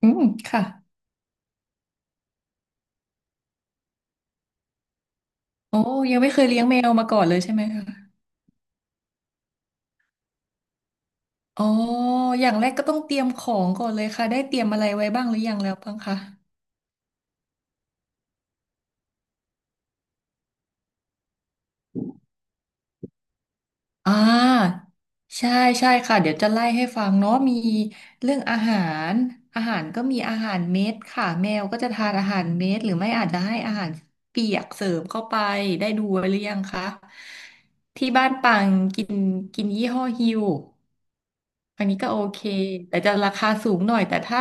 อืมค่ะโอ้ยังไม่เคยเลี้ยงแมวมาก่อนเลยใช่ไหมคะอ๋ออย่างแรกก็ต้องเตรียมของก่อนเลยค่ะ ได้เตรียมอะไรไว้บ้างหรือยังแล้วบ้างคะ อ่าใช่ใช่ค่ะเดี๋ยวจะไล่ให้ฟังเนาะมีเรื่องอาหารก็มีอาหารเม็ดค่ะแมวก็จะทานอาหารเม็ดหรือไม่อาจจะให้อาหารเปียกเสริมเข้าไปได้ดูไว้หรือยังคะที่บ้านปังกินกินยี่ห้อฮิวอันนี้ก็โอเคแต่จะราคาสูงหน่อยแต่ถ้า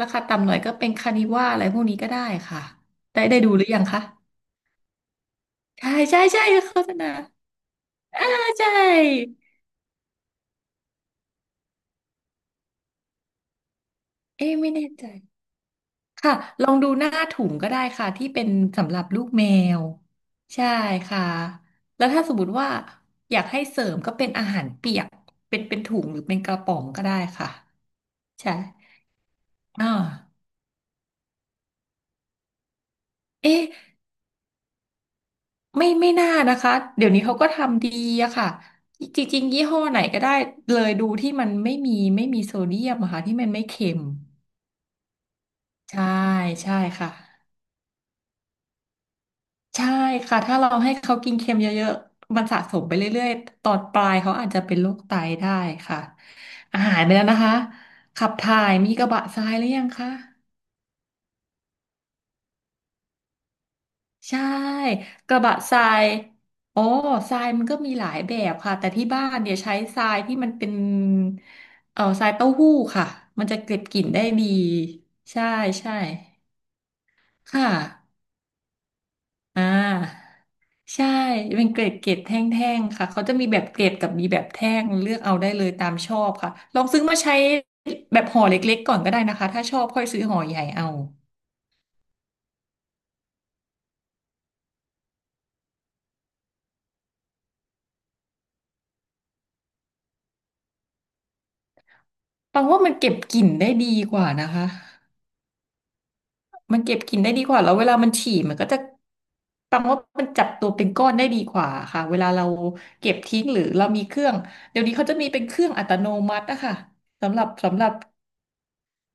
ราคาต่ำหน่อยก็เป็นคานิว่าอะไรพวกนี้ก็ได้ค่ะได้ได้ดูหรือยังคะใช่ใช่ใช่โฆษณาใช่เอ๊ะไม่แน่ใจ ค่ะลองดูหน้าถุงก็ได้ค่ะที่เป็นสำหรับลูกแมวใช่ค่ะแล้วถ้าสมมติว่าอยากให้เสริมก็เป็นอาหารเปียกเป็นถุงหรือเป็นกระป๋องก็ได้ค่ะใช่อ่าเอ๊ะไม่น่านะคะเดี๋ยวนี้เขาก็ทำดีอะค่ะจริงๆยี่ห้อไหนก็ได้เลยดูที่มันไม่มีโซเดียมอะค่ะที่มันไม่เค็มใช่ใช่ค่ะ ใช่ค่ะถ้าเราให้เขากินเค็มเยอะๆมันสะสมไปเรื่อยๆตอนปลายเขาอาจจะเป็นโรคไตได้ค่ะอาหารไปแล้วนะคะขับถ่ายมีกระบะทรายหรือยังคะใช่กระบะทรายอ๋อทรายมันก็มีหลายแบบค่ะแต่ที่บ้านเนี่ยใช้ทรายที่มันเป็นทรายเต้าหู้ค่ะมันจะเก็บกลิ่นได้ดีใช่ใช่ค่ะอ่า ใช่เป็นเกรดแท่งๆค่ะเขาจะมีแบบเกรดกับมีแบบแท่งเลือกเอาได้เลยตามชอบค่ะลองซื้อมาใช้แบบห่อเล็กๆก่อนก็ได้นะคะถ้าชอบค่อยซื้อห่อใหญ่เอาปังว่ามันเก็บกลิ่นได้ดีกว่านะคะมันเก็บกลิ่นได้ดีกว่าแล้วเวลามันฉี่มันก็จะปังว่ามันจับตัวเป็นก้อนได้ดีกว่าค่ะเวลาเราเก็บทิ้งหรือเรามีเครื่องเดี๋ยวนี้เขาจะมีเป็นเครื่องอัตโนมัติอะค่ะสำหรับ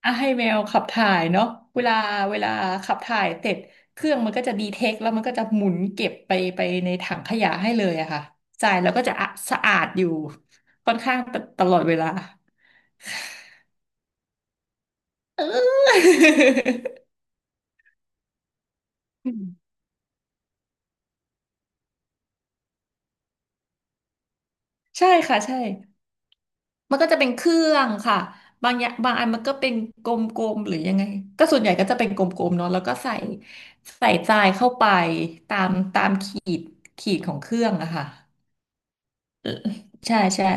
อ่ะให้แมวขับถ่ายเนาะเวลาเวลาขับถ่ายเสร็จเครื่องมันก็จะดีเทคแล้วมันก็จะหมุนเก็บไปในถังขยะให้เลยอะค่ะจ่ายแล้วก็จะอะสะอาดอยู่ค่อนข้างตตลอดเวลา เอออืมใช่ค่ะใช่มันก็จะเป็นเครื่องค่ะบางอย่างบางอันมันก็เป็นกลมๆหรือยังไงก็ส่วนใหญ่ก็จะเป็นกลมๆเนาะแล้วก็ใส่ทรายเข้าไปตามขีดของเครื่องอะค่ะใช่ใช่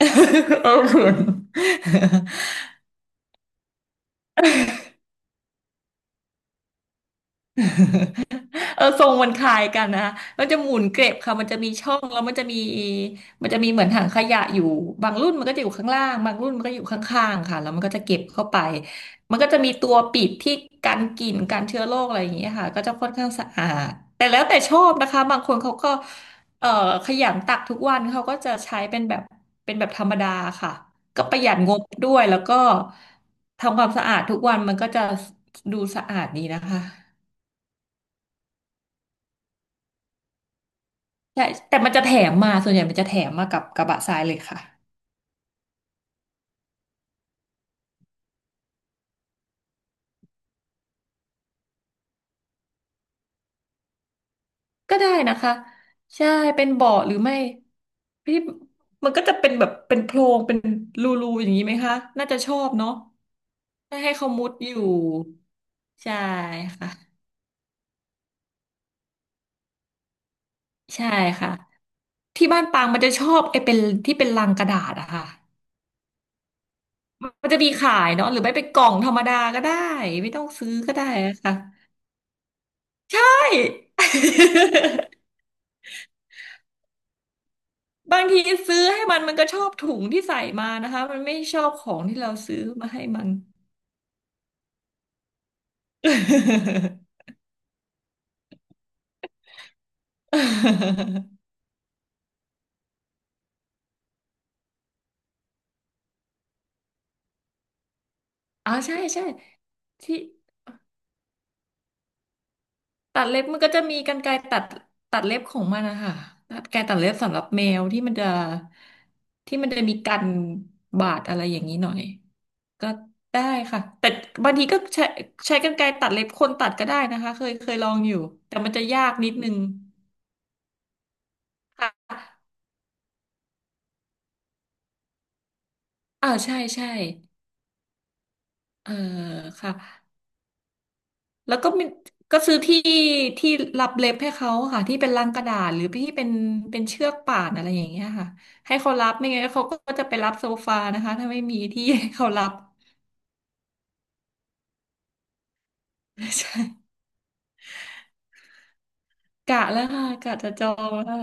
โอ้โห เออทรงมันคล้ายกันนะมันจะหมุนเกล็บค่ะมันจะมีช่องแล้วมันจะมีเหมือนถังขยะอยู่บางรุ่นมันก็จะอยู่ข้างล่างบางรุ่นมันก็อยู่ข้างๆค่ะแล้วมันก็จะเก็บเข้าไปมันก็จะมีตัวปิดที่กันกลิ่นกันเชื้อโรคอะไรอย่างเงี้ยค่ะก็จะค่อนข้างสะอาดแต่แล้วแต่ชอบนะคะบางคนเขาก็เอ่อขยันตักทุกวันเขาก็จะใช้เป็นแบบเป็นแบบธรรมดาค่ะก็ประหยัดงบด้วยแล้วก็ทำความสะอาดทุกวันมันก็จะดูสะอาดดีนะคะ ใช่แต่มันจะแถมมาส่วนใหญ่มันจะแถมมากับกระบะทรายเลยค่ะก็ได้นะคะใช่เป็นเบาะหรือไม่พี่มันก็จะเป็นแบบเป็นโพรงเป็นรูๆอย่างนี้ไหมคะน่าจะชอบเนาะได้ให้เขามุดอยู่ใช่ค่ะใช่ค่ะที่บ้านปางมันจะชอบไอ้เป็นที่เป็นลังกระดาษอะค่ะมันจะมีขายเนาะหรือไม่เป็นกล่องธรรมดาก็ได้ไม่ต้องซื้อก็ได้อะค่ะใช่ บางทีซื้อให้มันมันก็ชอบถุงที่ใส่มานะคะมันไม่ชอบของที่เราซื้อมาให้มัน อ๋อใช่ใช่ที่ตัดเล็บมันก็จะมีกรรไกรตัดเล็บของมันนะคะตัดกรรไกรตัดเล็บสำหรับแมวที่มันจะที่มันจะมีกันบาดอะไรอย่างนี้หน่อยก็ได้ค่ะแต่บางทีก็ใช้กรรไกรตัดเล็บคนตัดก็ได้นะคะเคยลองอยู่แต่มันจะยากนิดนึงค่ะอ่าใช่ใช่ เออค่ะแล้วก็มีก็ซื้อที่ที่รับเล็บให้เขาค่ะที่เป็นลังกระดาษหรือที่เป็นเชือกป่านอะไรอย่างเงี้ยค่ะให้เขารับไม่งั้นเขาก็จะไปรับโซฟานะคะถ้าไม่มีที่ให้เขารับ ใช่กะแล้วค่ะกะจะจองแล้วค่ะ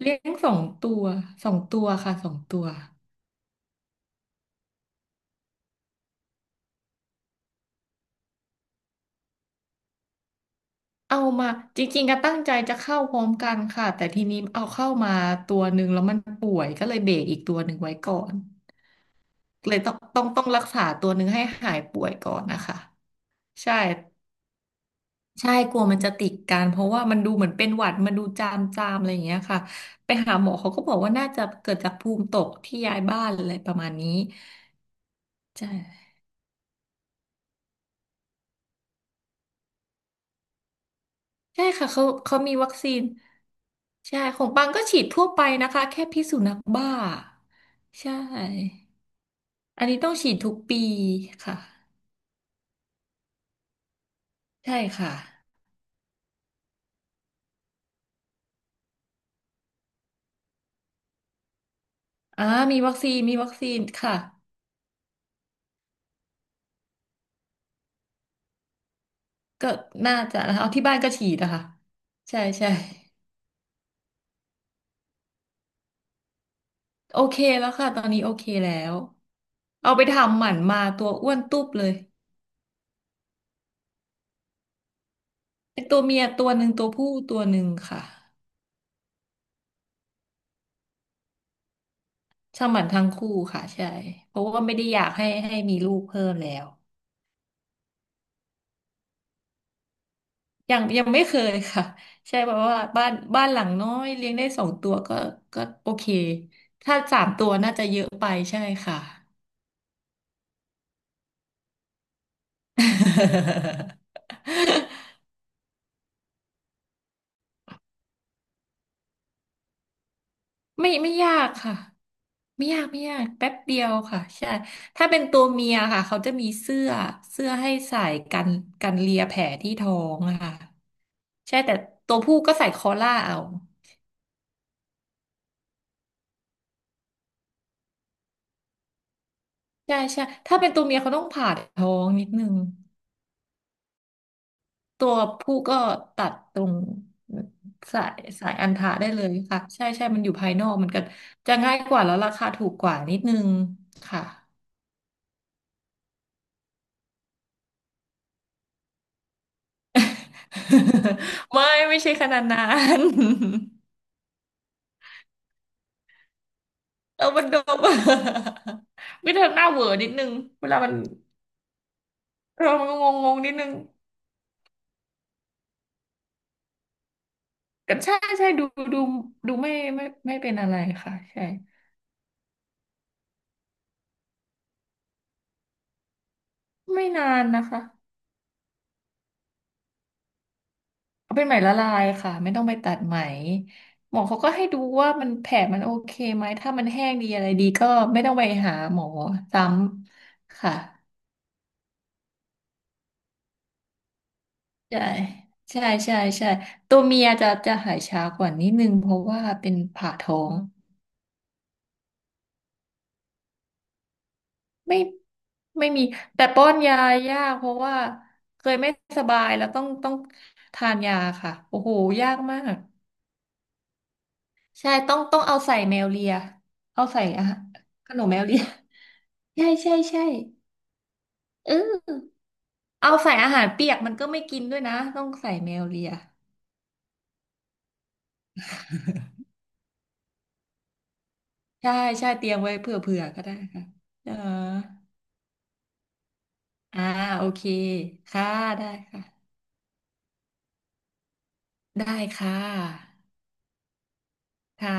เลี้ยงสองตัวสองตัวค่ะสองตัวเอามาจริงๆก็ตั้งใจจะเข้าพร้อมกันค่ะแต่ทีนี้เอาเข้ามาตัวหนึ่งแล้วมันป่วยก็เลยเบรกอีกตัวหนึ่งไว้ก่อน เลยต้องรักษาตัวหนึ่งให้หายป่วยก่อนนะคะใช่ใช่กลัวมันจะติดกันเพราะว่ามันดูเหมือนเป็นหวัดมันดูจามจามอะไรอย่างเงี้ยค่ะไปหาหมอเขาก็บอกว่าน่าจะเกิดจากภูมิตกที่ย้ายบ้านอะไรประมาณนี้ใช่ใช่ค่ะเขามีวัคซีนใช่ของปังก็ฉีดทั่วไปนะคะแค่พิษสุนัขบ้าใช่อันนี้ต้องฉีดทุกปีค่ะใช่ค่ะอ่ามีวัคซีนมีวัคซีนค่ะ ก็น่าจะนะคะเอาที่บ้านก็ฉีดนะคะใช่ใช่โอเคแล้วค่ะตอนนี้โอเคแล้วเอาไปทำหมันมาตัวอ้วนตุ๊บเลยเป็นตัวเมียตัวหนึ่งตัวผู้ตัวหนึ่งค่ะทำหมันทั้งคู่ค่ะใช่เพราะว่าไม่ได้อยากให้มีลูกเพิ่มแล้วยังยังไม่เคยค่ะใช่เพราะว่าบ้านหลังน้อยเลี้ยงได้สองตัวก็ก็โอเคถ้าสามตัวน่าจะเยอะไปใช่ค่ะ ไม่ไม่ยากค่ะไม่ยากไม่ยากแป๊บเดียวค่ะใช่ถ้าเป็นตัวเมียค่ะเขาจะมีเสื้อเสื้อให้ใส่กันกันเลียแผลที่ท้องอะค่ะใช่แต่ตัวผู้ก็ใส่คอล่าเอาใช่ใช่ถ้าเป็นตัวเมียเขาต้องผ่าท้องนิดนึงตัวผู้ก็ตัดตรงสายอัณฑะได้เลยค่ะใช่ใช่มันอยู่ภายนอกมันก็จะง่ายกว่าแล้วราคาถูกกว่านิดนึงค่ะ ไม่ไม่ใช่ขนาดนั้น เออมันโดม วิธีหน้าเหวอนิดนึงเวลามันเรามันก็งงงนิดนึงกันใช่ใช่ดูดูดูไม่เป็นอะไรค่ะใช่ไม่นานนะคะเอาเป็นไหมละลายค่ะไม่ต้องไปตัดไหมหมอเขาก็ให้ดูว่ามันแผลมันโอเคไหมถ้ามันแห้งดีอะไรดีก็ไม่ต้องไปหาหมอซ้ำค่ะใช่ใช่ใช่ใช่ตัวเมียจะจะหายช้ากว่านิดนึงเพราะว่าเป็นผ่าท้อง ไม่ไม่มีแต่ป้อนยายากเพราะว่าเคยไม่สบายแล้วต้องทานยาค่ะโอ้โหยากมากใช่ต้องเอาใส่แมวเลียเอาใส่อาหารขนมแมวเลีย ใช่ใช่ใช่เออเอาใส่อาหารเปียกมันก็ไม่กินด้วยนะต้องใส่แมวเลียใช่ใช่เตรียมไว้เผื่อเผื่อก็ได้ค่ะเอออ่าโอเคค่ะได้ค่ะได้ค่ะค่ะ